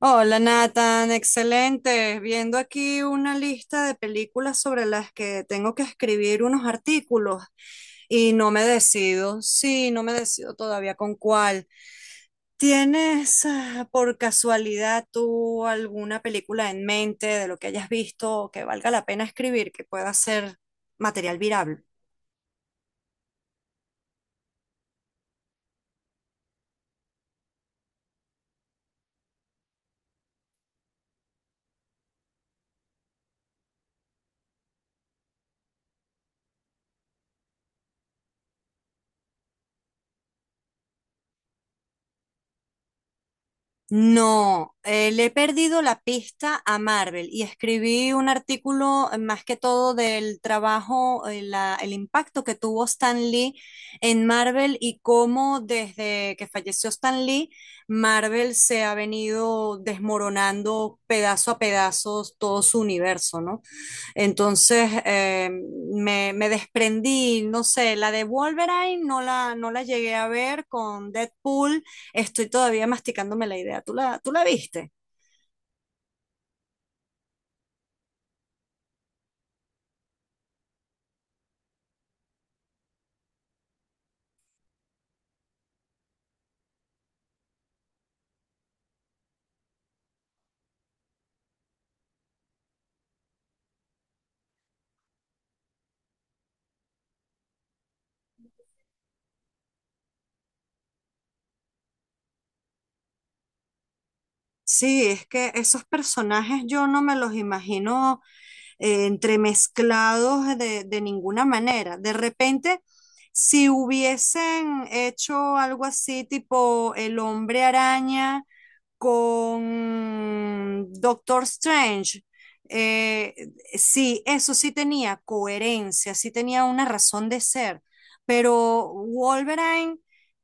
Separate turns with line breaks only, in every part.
Hola Nathan, excelente. Viendo aquí una lista de películas sobre las que tengo que escribir unos artículos y no me decido, sí, no me decido todavía con cuál. ¿Tienes por casualidad tú alguna película en mente de lo que hayas visto que valga la pena escribir, que pueda ser material virable? No, le he perdido la pista a Marvel y escribí un artículo más que todo del trabajo, el impacto que tuvo Stan Lee en Marvel y cómo desde que falleció Stan Lee, Marvel se ha venido desmoronando pedazo a pedazos todo su universo, ¿no? Entonces eh, me desprendí, no sé, la de Wolverine no la llegué a ver con Deadpool, estoy todavía masticándome la idea. Tú la viste? Sí, es que esos personajes yo no me los imagino entremezclados de ninguna manera. De repente, si hubiesen hecho algo así, tipo el hombre araña con Doctor Strange, eh, sí, eso sí tenía coherencia, sí tenía una razón de ser. Pero Wolverine...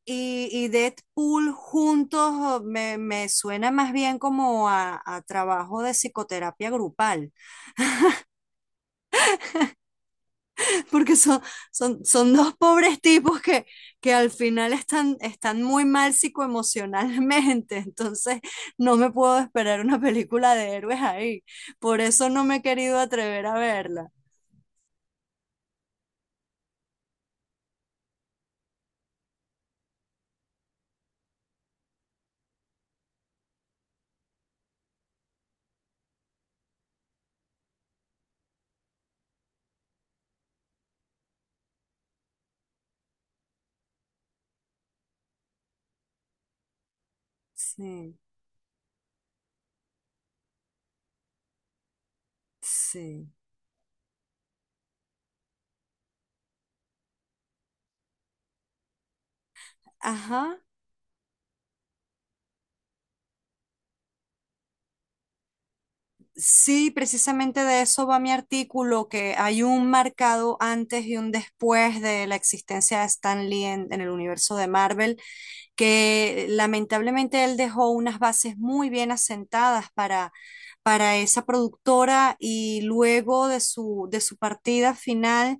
Y Deadpool juntos me suena más bien como a trabajo de psicoterapia grupal, porque son, son dos pobres tipos que al final están, están muy mal psicoemocionalmente, entonces no me puedo esperar una película de héroes ahí, por eso no me he querido atrever a verla. Sí, sí. Ajá. Sí, precisamente de eso va mi artículo, que hay un marcado antes y un después de la existencia de Stan Lee en el universo de Marvel, que lamentablemente él dejó unas bases muy bien asentadas para esa productora y luego de su partida final,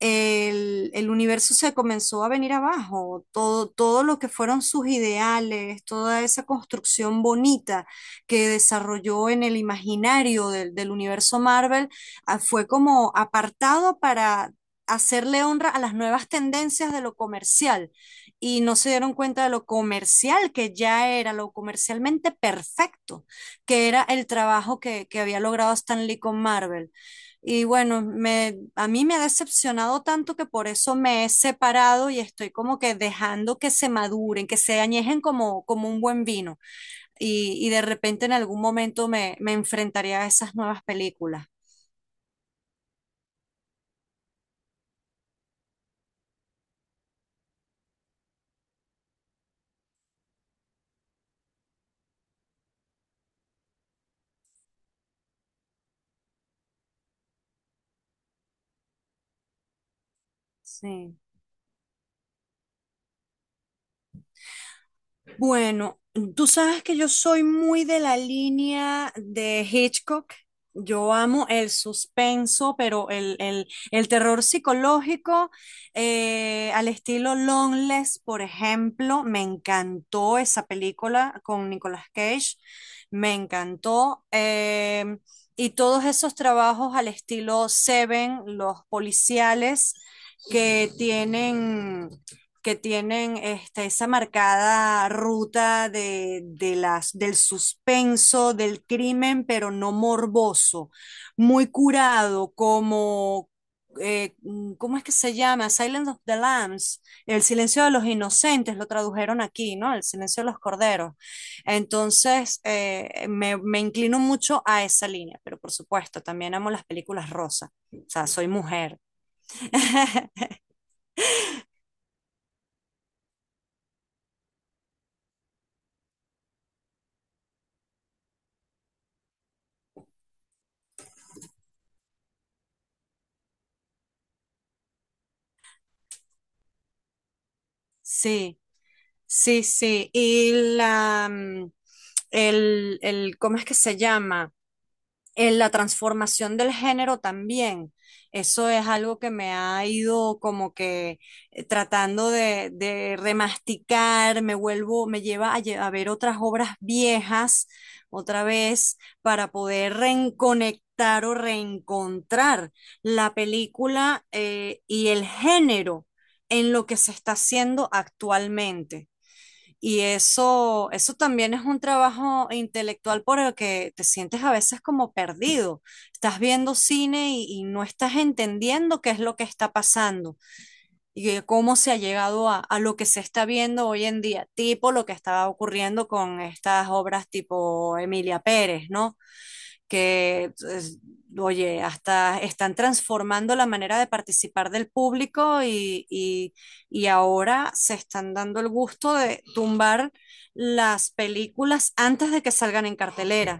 el universo se comenzó a venir abajo, todo, todo lo que fueron sus ideales, toda esa construcción bonita que desarrolló en el imaginario del, del universo Marvel, fue como apartado para hacerle honra a las nuevas tendencias de lo comercial y no se dieron cuenta de lo comercial que ya era, lo comercialmente perfecto, que era el trabajo que había logrado Stan Lee con Marvel. Y bueno, a mí me ha decepcionado tanto que por eso me he separado y estoy como que dejando que se maduren, que se añejen como, como un buen vino y de repente en algún momento me enfrentaría a esas nuevas películas. Sí. Bueno, tú sabes que yo soy muy de la línea de Hitchcock. Yo amo el suspenso, pero el terror psicológico al estilo Longlegs, por ejemplo, me encantó esa película con Nicolas Cage, me encantó. Y todos esos trabajos al estilo Seven, los policiales que tienen que tienen este, esa marcada ruta de las, del suspenso, del crimen, pero no morboso, muy curado, como, ¿cómo es que se llama? Silence of the Lambs, El silencio de los inocentes, lo tradujeron aquí, ¿no? El silencio de los corderos. Entonces, me inclino mucho a esa línea, pero por supuesto, también amo las películas rosa, o sea, soy mujer. Sí, sí, sí. Y la, mm, ¿cómo es que se llama? La transformación del género también. Eso es algo que me ha ido como que tratando de remasticar, me vuelvo, me lleva a, a ver otras obras viejas otra vez para poder reconectar o reencontrar la película y el género en lo que se está haciendo actualmente. Y eso también es un trabajo intelectual por el que te sientes a veces como perdido. Estás viendo cine y no estás entendiendo qué es lo que está pasando y que cómo se ha llegado a lo que se está viendo hoy en día, tipo lo que estaba ocurriendo con estas obras tipo Emilia Pérez, ¿no? que, es- oye, hasta están transformando la manera de participar del público y ahora se están dando el gusto de tumbar las películas antes de que salgan en cartelera.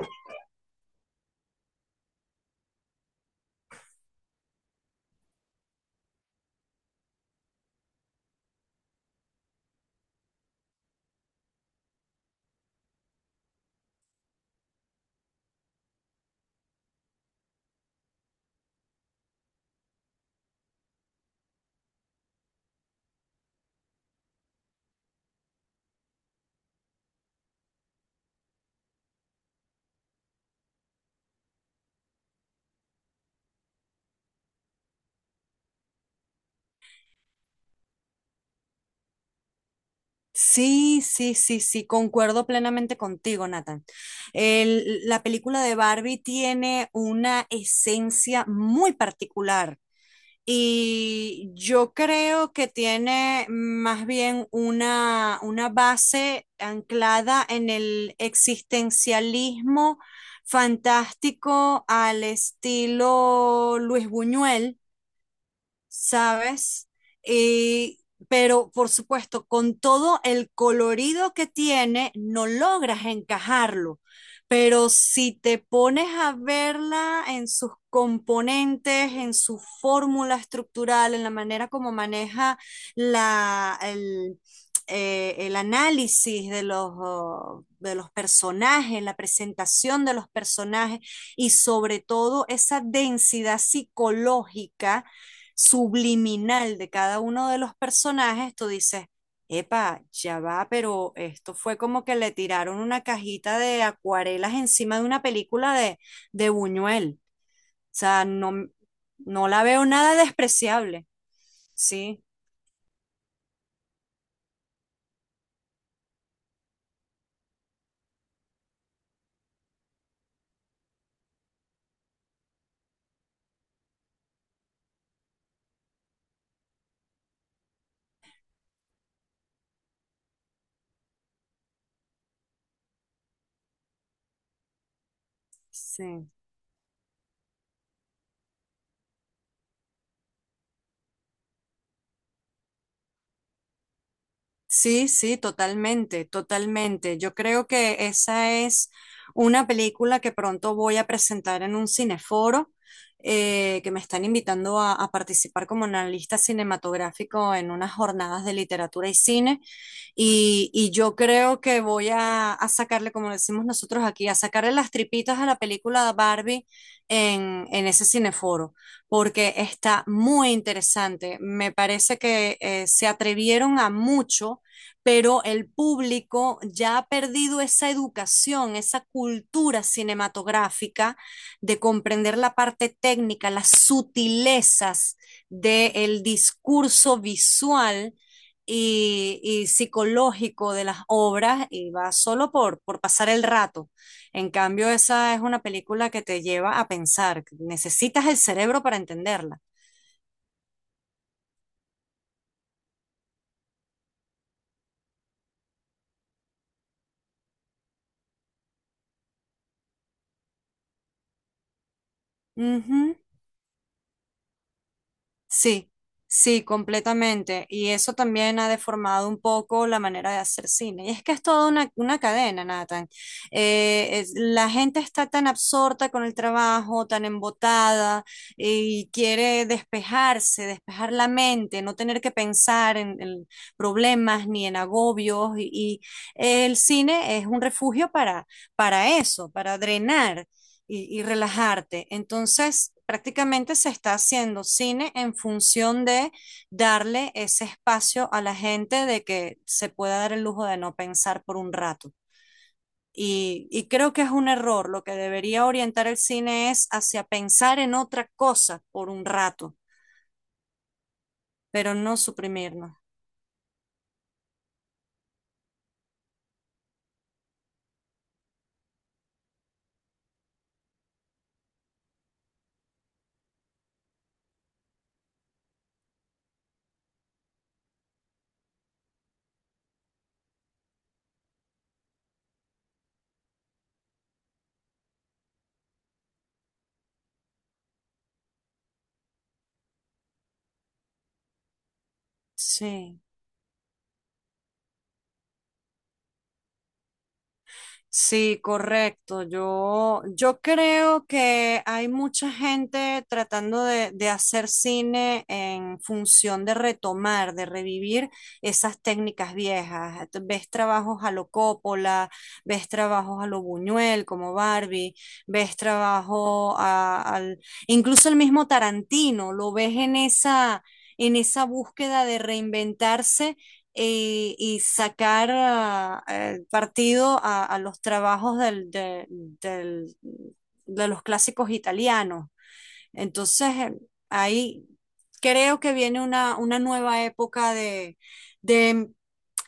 Sí, sí, sí, sí, concuerdo plenamente contigo, Nathan. La película de Barbie tiene una esencia muy particular. Y yo creo que tiene más bien una base anclada en el existencialismo fantástico al estilo Luis Buñuel, ¿sabes? Y, pero por supuesto, con todo el colorido que tiene, no logras encajarlo. Pero si te pones a verla en sus componentes, en su fórmula estructural, en la manera como maneja la, el, el análisis de los personajes, la presentación de los personajes y sobre todo esa densidad psicológica subliminal de cada uno de los personajes, tú dices, epa, ya va, pero esto fue como que le tiraron una cajita de acuarelas encima de una película de Buñuel. O sea, no, no la veo nada despreciable. Sí, sí. Sí, sí, totalmente, totalmente. Yo creo que esa es una película que pronto voy a presentar en un cineforo, que me están invitando a participar como analista cinematográfico en unas jornadas de literatura y cine. Y yo creo que voy a sacarle, como decimos nosotros aquí, a sacarle las tripitas a la película Barbie en ese cineforo, porque está muy interesante. Me parece que se atrevieron a mucho, pero el público ya ha perdido esa educación, esa cultura cinematográfica de comprender la parte técnica, las sutilezas del discurso visual. Y, y psicológico de las obras y va solo por pasar el rato. En cambio, esa es una película que te lleva a pensar, necesitas el cerebro para entenderla. Uh -huh. Sí, sí, completamente. Y eso también ha deformado un poco la manera de hacer cine. Y es que es toda una cadena, Nathan. La gente está tan absorta con el trabajo, tan embotada, y quiere despejarse, despejar la mente, no tener que pensar en problemas ni en agobios. Y el cine es un refugio para eso, para drenar y relajarte. Entonces, prácticamente se está haciendo cine en función de darle ese espacio a la gente de que se pueda dar el lujo de no pensar por un rato. Y creo que es un error. Lo que debería orientar el cine es hacia pensar en otra cosa por un rato, pero no suprimirnos. Sí. Sí, correcto. Yo creo que hay mucha gente tratando de hacer cine en función de retomar, de revivir esas técnicas viejas. Ves trabajos a lo Coppola, ves trabajos a lo Buñuel como Barbie, ves trabajo incluso el mismo Tarantino, lo ves en esa búsqueda de reinventarse y sacar partido a los trabajos de los clásicos italianos. Entonces, ahí creo que viene una nueva época de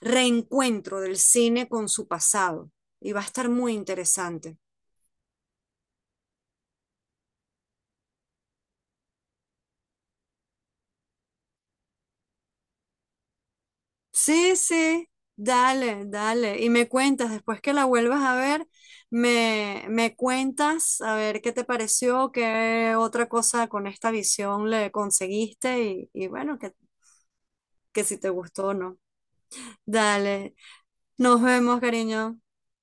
reencuentro del cine con su pasado y va a estar muy interesante. Sí, sí, dale, dale. Y me cuentas, después que la vuelvas a ver, me cuentas a ver qué te pareció, qué otra cosa con esta visión le conseguiste y bueno, que si te gustó o no. Dale, nos vemos, cariño.